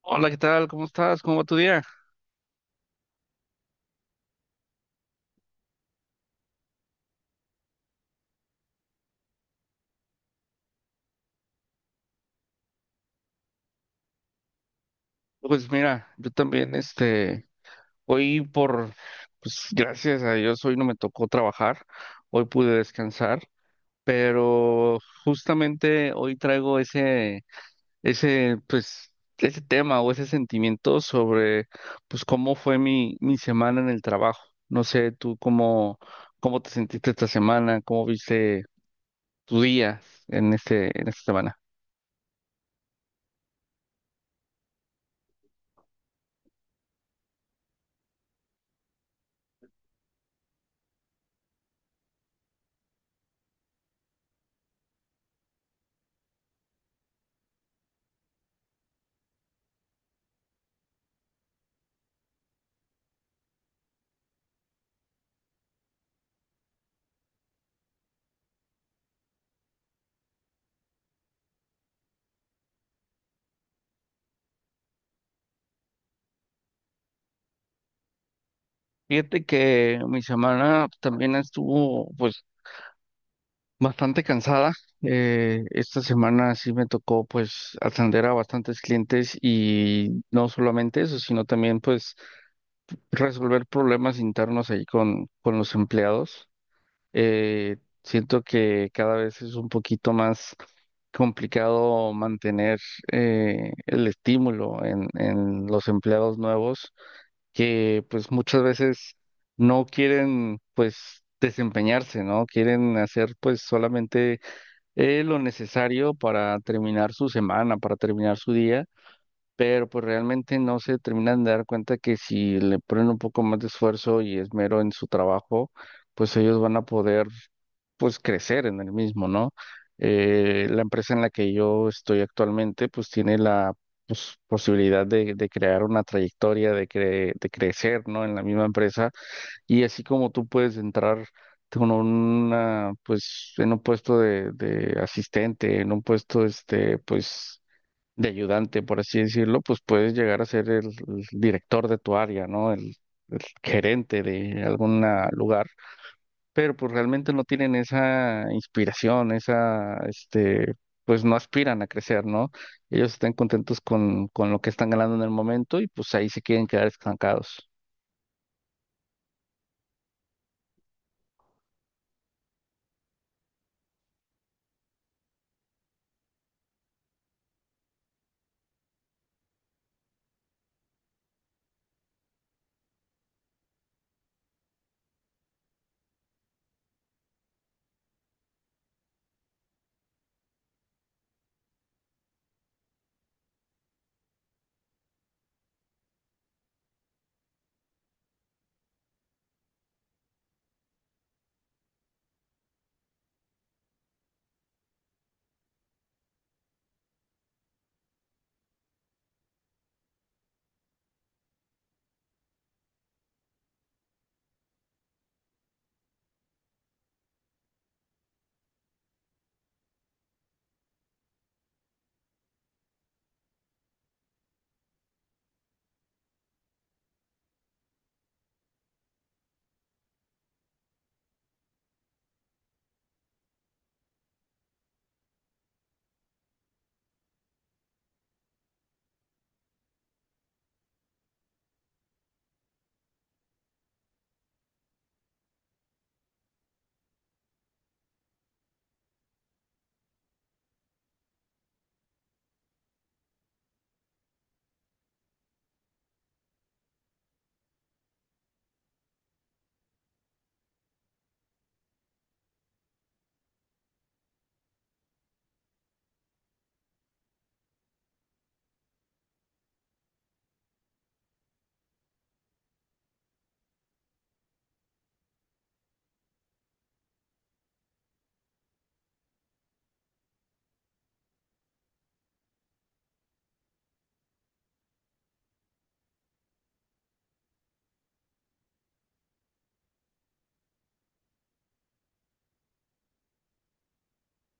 Hola, ¿qué tal? ¿Cómo estás? ¿Cómo va tu día? Pues mira, yo también, hoy por, pues gracias a Dios, hoy no me tocó trabajar, hoy pude descansar, pero justamente hoy traigo ese, ese tema o ese sentimiento sobre, pues, cómo fue mi semana en el trabajo. No sé, cómo te sentiste esta semana, cómo viste tu día en esta semana. Fíjate que mi semana también estuvo pues bastante cansada. Esta semana sí me tocó pues atender a bastantes clientes y no solamente eso, sino también pues resolver problemas internos ahí con los empleados. Eh, Siento que cada vez es un poquito más complicado mantener el estímulo en los empleados nuevos que pues muchas veces no quieren pues desempeñarse, ¿no? Quieren hacer pues solamente lo necesario para terminar su semana, para terminar su día, pero pues realmente no se terminan de dar cuenta que si le ponen un poco más de esfuerzo y esmero en su trabajo, pues ellos van a poder pues crecer en el mismo, ¿no? La empresa en la que yo estoy actualmente pues tiene la, pues, posibilidad de crear una trayectoria, de crecer, ¿no? En la misma empresa, y así como tú puedes entrar con una pues en un puesto de asistente, en un puesto este pues de ayudante, por así decirlo, pues puedes llegar a ser el director de tu área, ¿no? El gerente de algún lugar, pero pues realmente no tienen esa inspiración, pues no aspiran a crecer, ¿no? Ellos están contentos con lo que están ganando en el momento y pues ahí se quieren quedar estancados.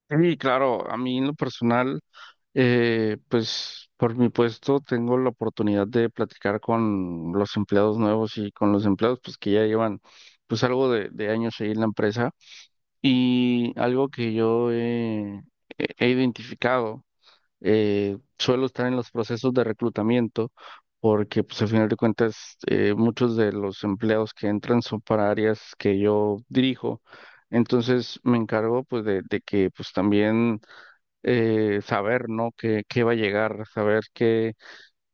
Sí, claro, a mí en lo personal. Pues por mi puesto tengo la oportunidad de platicar con los empleados nuevos y con los empleados pues que ya llevan pues algo de años ahí en la empresa, y algo que yo he identificado, suelo estar en los procesos de reclutamiento porque pues al final de cuentas muchos de los empleados que entran son para áreas que yo dirijo. Entonces me encargo pues de que pues también saber, ¿no? Qué va a llegar, saber qué,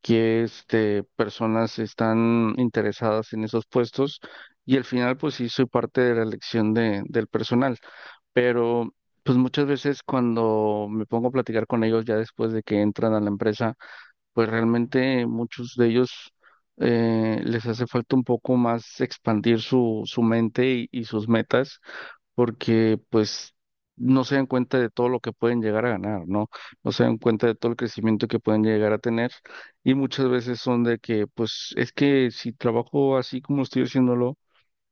qué este, personas están interesadas en esos puestos. Y al final, pues sí, soy parte de la elección del personal. Pero pues muchas veces cuando me pongo a platicar con ellos ya después de que entran a la empresa, pues realmente muchos de ellos, les hace falta un poco más expandir su mente y sus metas, porque pues no se dan cuenta de todo lo que pueden llegar a ganar, ¿no? No se dan cuenta de todo el crecimiento que pueden llegar a tener, y muchas veces son de que pues es que si trabajo así como estoy haciéndolo,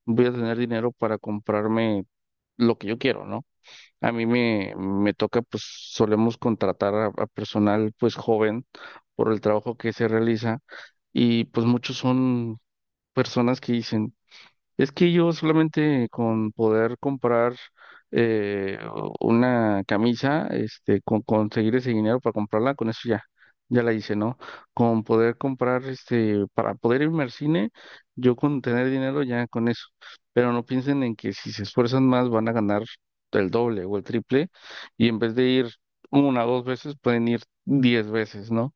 voy a tener dinero para comprarme lo que yo quiero, ¿no? A me toca, pues solemos contratar a personal pues joven por el trabajo que se realiza, y pues muchos son personas que dicen, es que yo solamente con poder comprar una camisa, este, con conseguir ese dinero para comprarla, con eso ya, ya la hice, ¿no? Con poder comprar, este, para poder irme al cine, yo con tener dinero ya con eso. Pero no piensen en que si se esfuerzan más van a ganar el doble o el triple, y en vez de ir una o dos veces pueden ir diez veces, ¿no?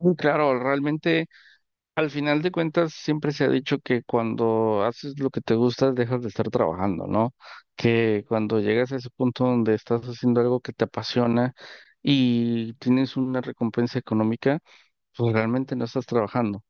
Y claro, realmente. Al final de cuentas, siempre se ha dicho que cuando haces lo que te gusta, dejas de estar trabajando, ¿no? Que cuando llegas a ese punto donde estás haciendo algo que te apasiona y tienes una recompensa económica, pues realmente no estás trabajando.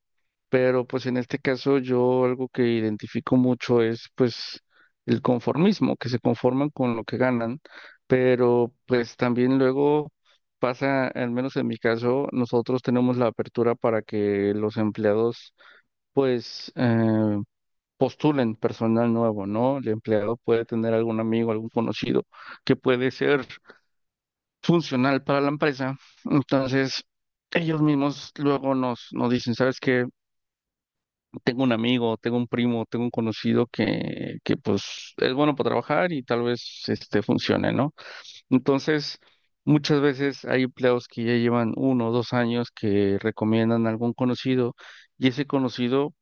Pero pues en este caso yo algo que identifico mucho es pues el conformismo, que se conforman con lo que ganan, pero pues también luego pasa, al menos en mi caso, nosotros tenemos la apertura para que los empleados pues, postulen personal nuevo, ¿no? El empleado puede tener algún amigo, algún conocido que puede ser funcional para la empresa. Entonces, ellos mismos luego nos dicen, ¿sabes qué? Tengo un amigo, tengo un primo, tengo un conocido que pues es bueno para trabajar y tal vez este funcione, ¿no? Entonces, muchas veces hay empleados que ya llevan uno o dos años que recomiendan a algún conocido, y ese conocido,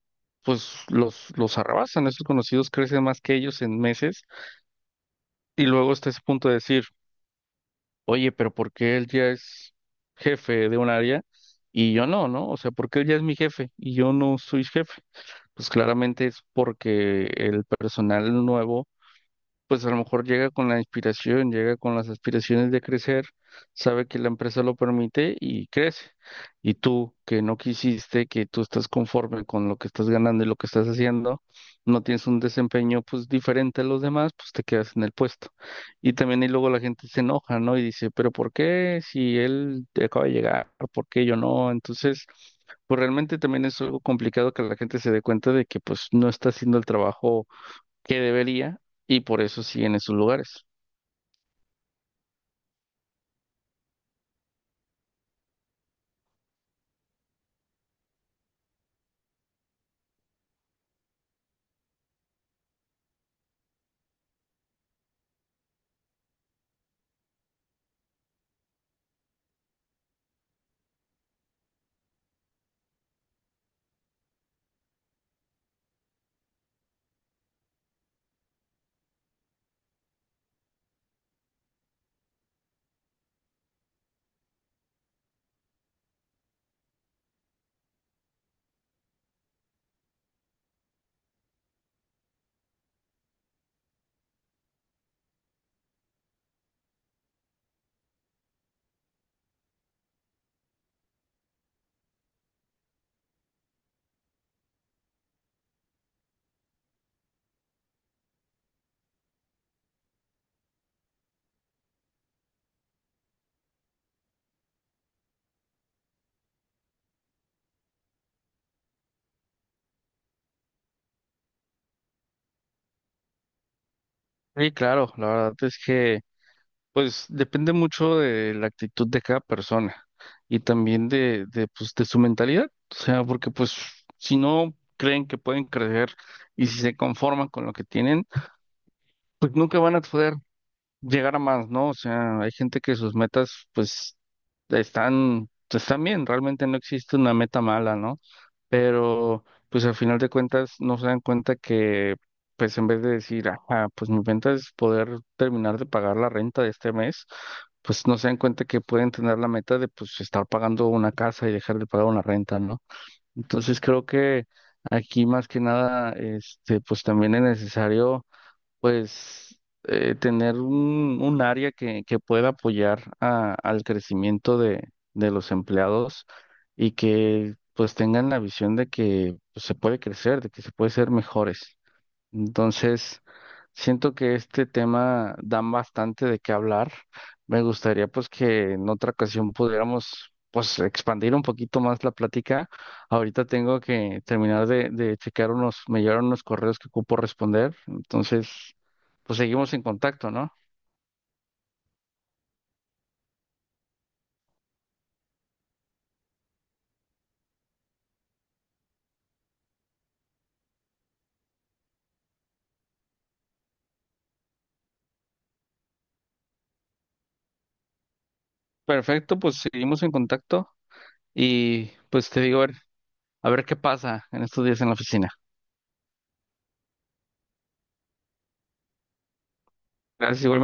pues los arrabasan, esos conocidos crecen más que ellos en meses, y luego está ese punto de decir, oye, pero ¿por qué él ya es jefe de un área y yo no, ¿no? O sea, ¿por qué él ya es mi jefe y yo no soy jefe? Pues claramente es porque el personal nuevo pues a lo mejor llega con la inspiración, llega con las aspiraciones de crecer, sabe que la empresa lo permite y crece. Y tú, que no quisiste, que tú estás conforme con lo que estás ganando y lo que estás haciendo, no tienes un desempeño pues diferente a los demás, pues te quedas en el puesto. Y también, y luego la gente se enoja, ¿no? Y dice, pero ¿por qué si él acaba de llegar? ¿Por qué yo no? Entonces, pues realmente también es algo complicado que la gente se dé cuenta de que pues no está haciendo el trabajo que debería, y por eso siguen en sus lugares. Sí, claro, la verdad es que pues depende mucho de la actitud de cada persona, y también pues, de su mentalidad. O sea, porque pues si no creen que pueden crecer y si se conforman con lo que tienen, pues nunca van a poder llegar a más, ¿no? O sea, hay gente que sus metas, pues, están bien, realmente no existe una meta mala, ¿no? Pero, pues, al final de cuentas, no se dan cuenta que, pues, en vez de decir, ah, pues mi meta es poder terminar de pagar la renta de este mes, pues, no se dan cuenta que pueden tener la meta de, pues, estar pagando una casa y dejar de pagar una renta, ¿no? Entonces, creo que aquí, más que nada, este, pues, también es necesario pues, tener un área que pueda apoyar a- al crecimiento de los empleados, y que pues tengan la visión de que pues, se puede crecer, de que se puede ser mejores. Entonces, siento que este tema da bastante de qué hablar. Me gustaría pues que en otra ocasión pudiéramos pues expandir un poquito más la plática. Ahorita tengo que terminar de checar unos, me llegaron unos correos que ocupo responder. Entonces pues seguimos en contacto, ¿no? Perfecto, pues seguimos en contacto y pues te digo, a ver qué pasa en estos días en la oficina. Gracias, igual.